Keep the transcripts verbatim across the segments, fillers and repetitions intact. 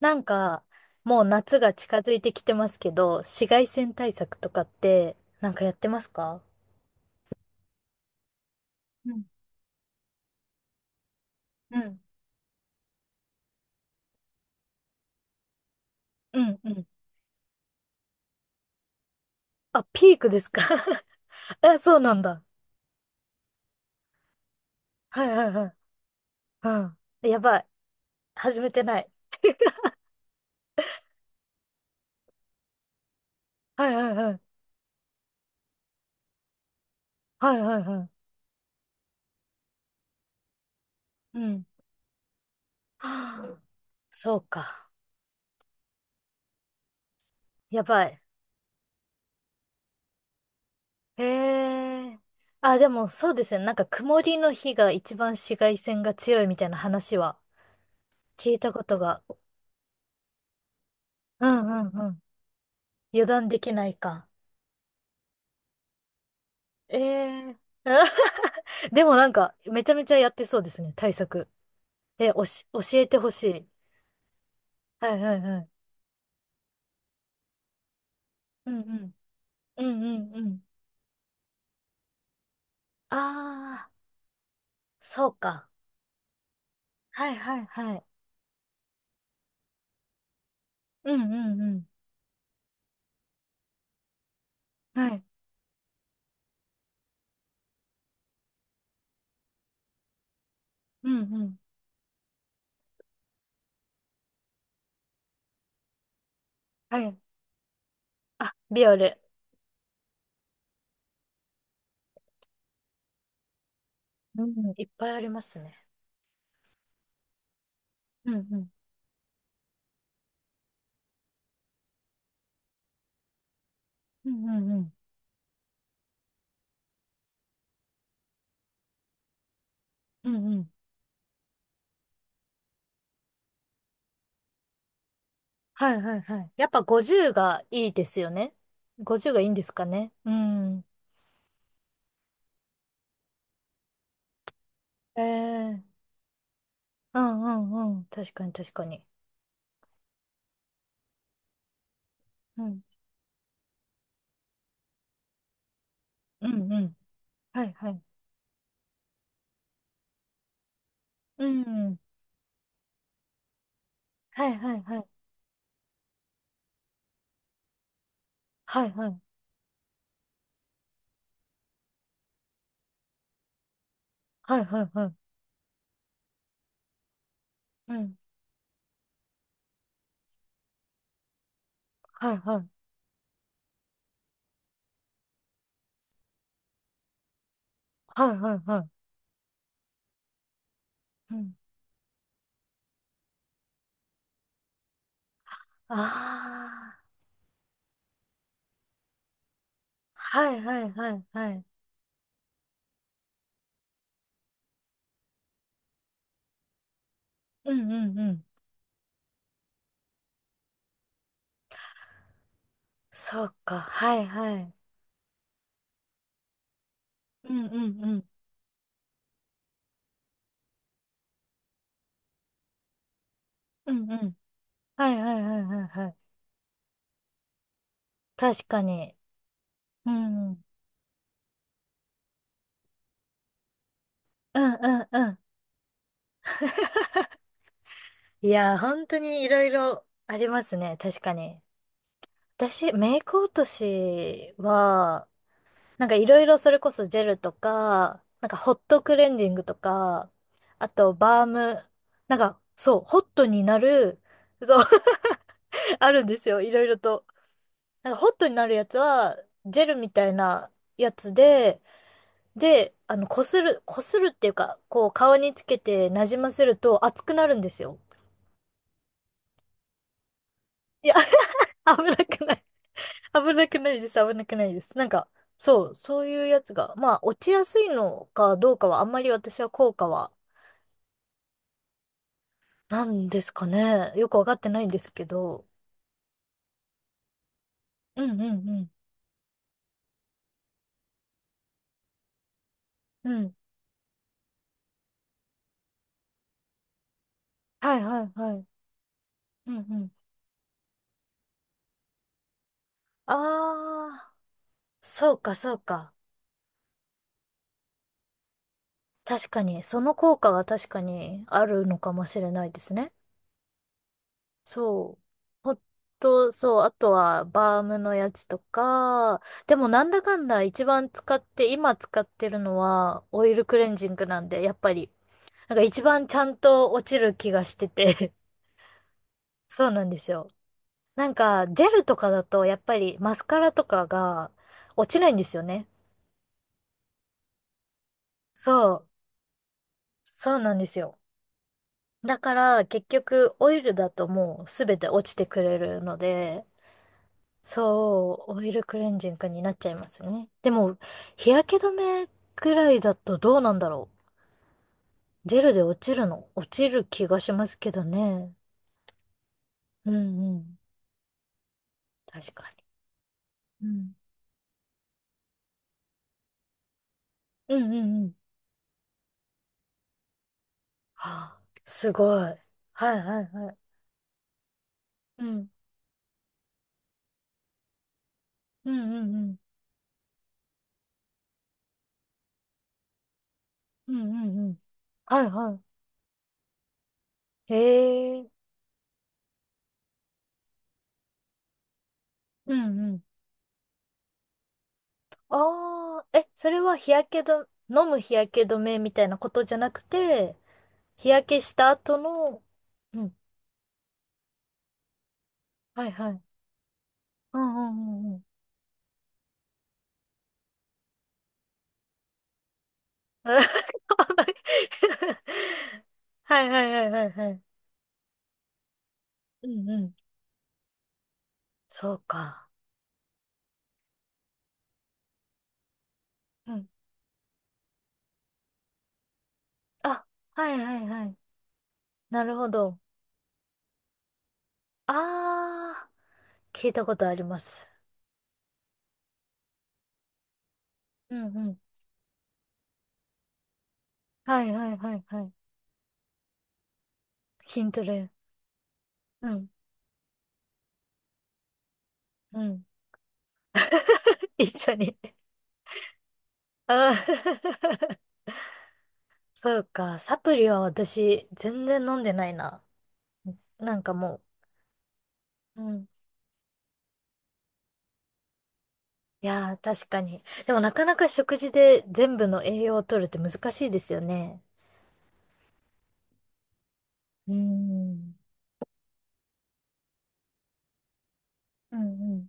なんか、もう夏が近づいてきてますけど、紫外線対策とかって、なんかやってますか？うん。うん。うん、うん。あ、ピークですか？ あ、そうなんだ。はいはいはい。うん。やばい。始めてない。はいはいはい。はいはいはい。うん。はあ。そうか。やばい。へえ。あ、でもそうですね。なんか曇りの日が一番紫外線が強いみたいな話は聞いたことが。うんうんうん。油断できないか。ええ。 でもなんか、めちゃめちゃやってそうですね、対策。え、おし、教えてほしい。はいはいはい。うんうん。うんうんうん。ああ、そうか。はいはいはい。うんうんうん。はい。うんうん。はい。あ、ビオレ。うん、いっぱいありますね。うんうん。うんうんうん。うんうん。はいはいはい。やっぱごじゅうがいいですよね。ごじゅうがいいんですかね。うん。ええ。うんうんうん。確かに確かに。うん。うんうん。はいはい。うん。はいはいはい。はいはい。はいはいはい。うん。はいはい。はいはいはい。うん。ああ。はいはいはいはい。うんうんうん。そうか。はいはい。うんうんうん。うんうん。はいはいはいはいはい。確かに。うん。うんうんうん。いやー、本当にいろいろありますね。確かに。私、メイク落としは、なんかいろいろそれこそジェルとか、なんかホットクレンジングとか、あとバーム、なんかそう、ホットになる、そう。あるんですよ、いろいろと。なんかホットになるやつは、ジェルみたいなやつで、で、あの、こする、こするっていうか、こう顔につけてなじませると熱くなるんですよ。いや、危なくない。危なくないです、危なくないです。なんか、そう、そういうやつが、まあ、落ちやすいのかどうかは、あんまり私は効果はなんですかね。よくわかってないんですけど。うんうんうん。うん。はいはいはい。うんうん。ああ、そうかそうか。確かに、その効果が確かにあるのかもしれないですね。そう。ほんと、そう。あとは、バームのやつとか。でも、なんだかんだ一番使って、今使ってるのは、オイルクレンジングなんで、やっぱり、なんか一番ちゃんと落ちる気がしてて。 そうなんですよ。なんか、ジェルとかだと、やっぱりマスカラとかが落ちないんですよね。そう、そうなんですよ。だから、結局、オイルだともうすべて落ちてくれるので、そう、オイルクレンジングになっちゃいますね。でも、日焼け止めくらいだとどうなんだろう。ジェルで落ちるの落ちる気がしますけどね。うんうん。確かに。うん。うんうんうん。はあ、すごい。はいはいはい。うん。うんうんうん。うんうんうん。はいはい。へえ。うんうん。ああ、え、それは日焼け止め、飲む日焼け止めみたいなことじゃなくて、日焼けした後の、うん。はいはい。うんうんうんうん。はいはいはいはいはい。うんうん。そうか。うん。あ、はいはいはい。なるほど。ああ、聞いたことあります。うんうん。はいはいはいはい。筋トレ。うん。うん。一緒に。あー。 そうか。サプリは私、全然飲んでないな。なんかもう。うん。いやー、確かに。でもなかなか食事で全部の栄養を取るって難しいですよね。うーん。うんうん。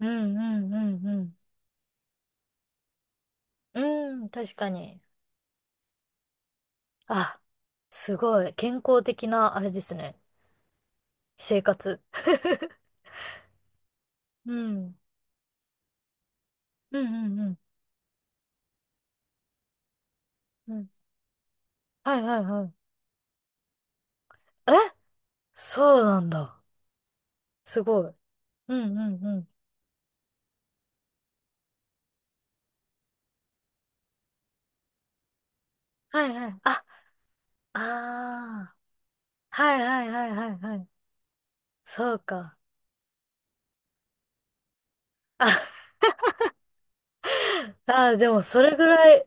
うんうんうんうん。うん、確かに。あ、すごい。健康的な、あれですね。生活。うん。うんうんうん。うん。はいはいはい。え、そうなんだ。すごい。うんうんうん。はいはい。あ、ああ。はいはいはいはいはい。そうか。あ、あー、でもそれぐらい、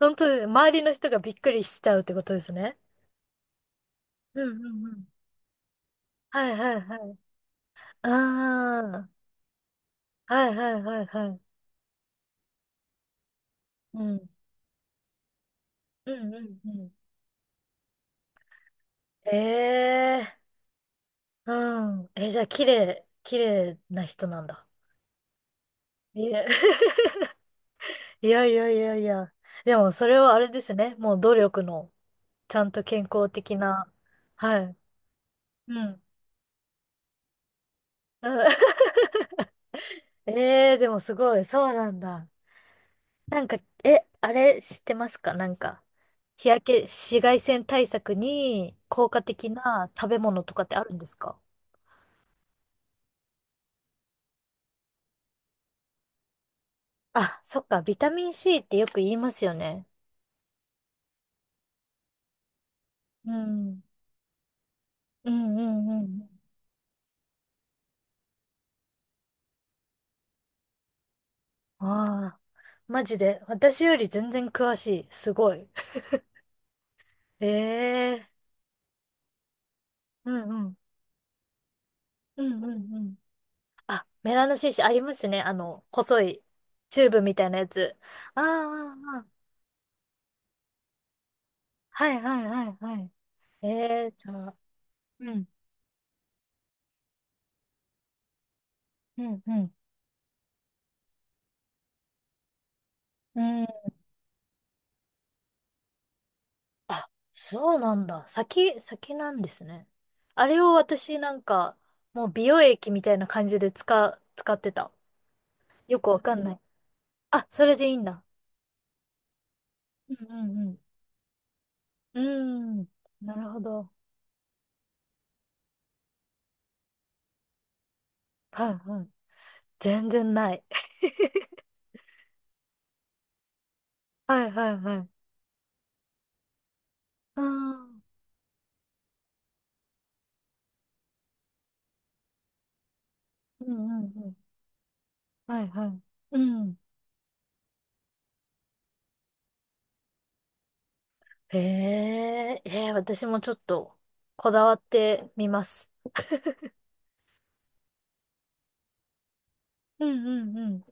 本当に周りの人がびっくりしちゃうってことですね。うんうんうん。はいはいはい。ああ。はいはいはいはい。うん。うんうんうん。ええー。うん。え、じゃあ、綺麗、綺麗な人なんだ。いや、いやいやいやいや。でも、それはあれですね。もう努力の、ちゃんと健康的な、はい。うん。うん。 えー、でもすごい、そうなんだ。なんか、え、あれ知ってますか？なんか、日焼け、紫外線対策に効果的な食べ物とかってあるんですか？あ、そっか、ビタミン シー ってよく言いますよね。うん。うんうんうん。ああ、マジで、私より全然詳しい。すごい。ええ。うんうん。うんうんうん。あ、メラノシーシありますね。あの、細いチューブみたいなやつ。ああ、ああ。はいはいはいはい。えー、じゃあ、うん、うん、うん、うん。あ、そうなんだ。先、先なんですね。あれを私なんか、もう美容液みたいな感じで使、使ってた。よくわかんない。あ、それでいいんだ。うんうんうん。うーん、なるほど。はいはい。全然ない。はいはいはい。あー。うんうんうん。はいはい。うん。へえ、えー、私もちょっとこだわってみます。うんうんうん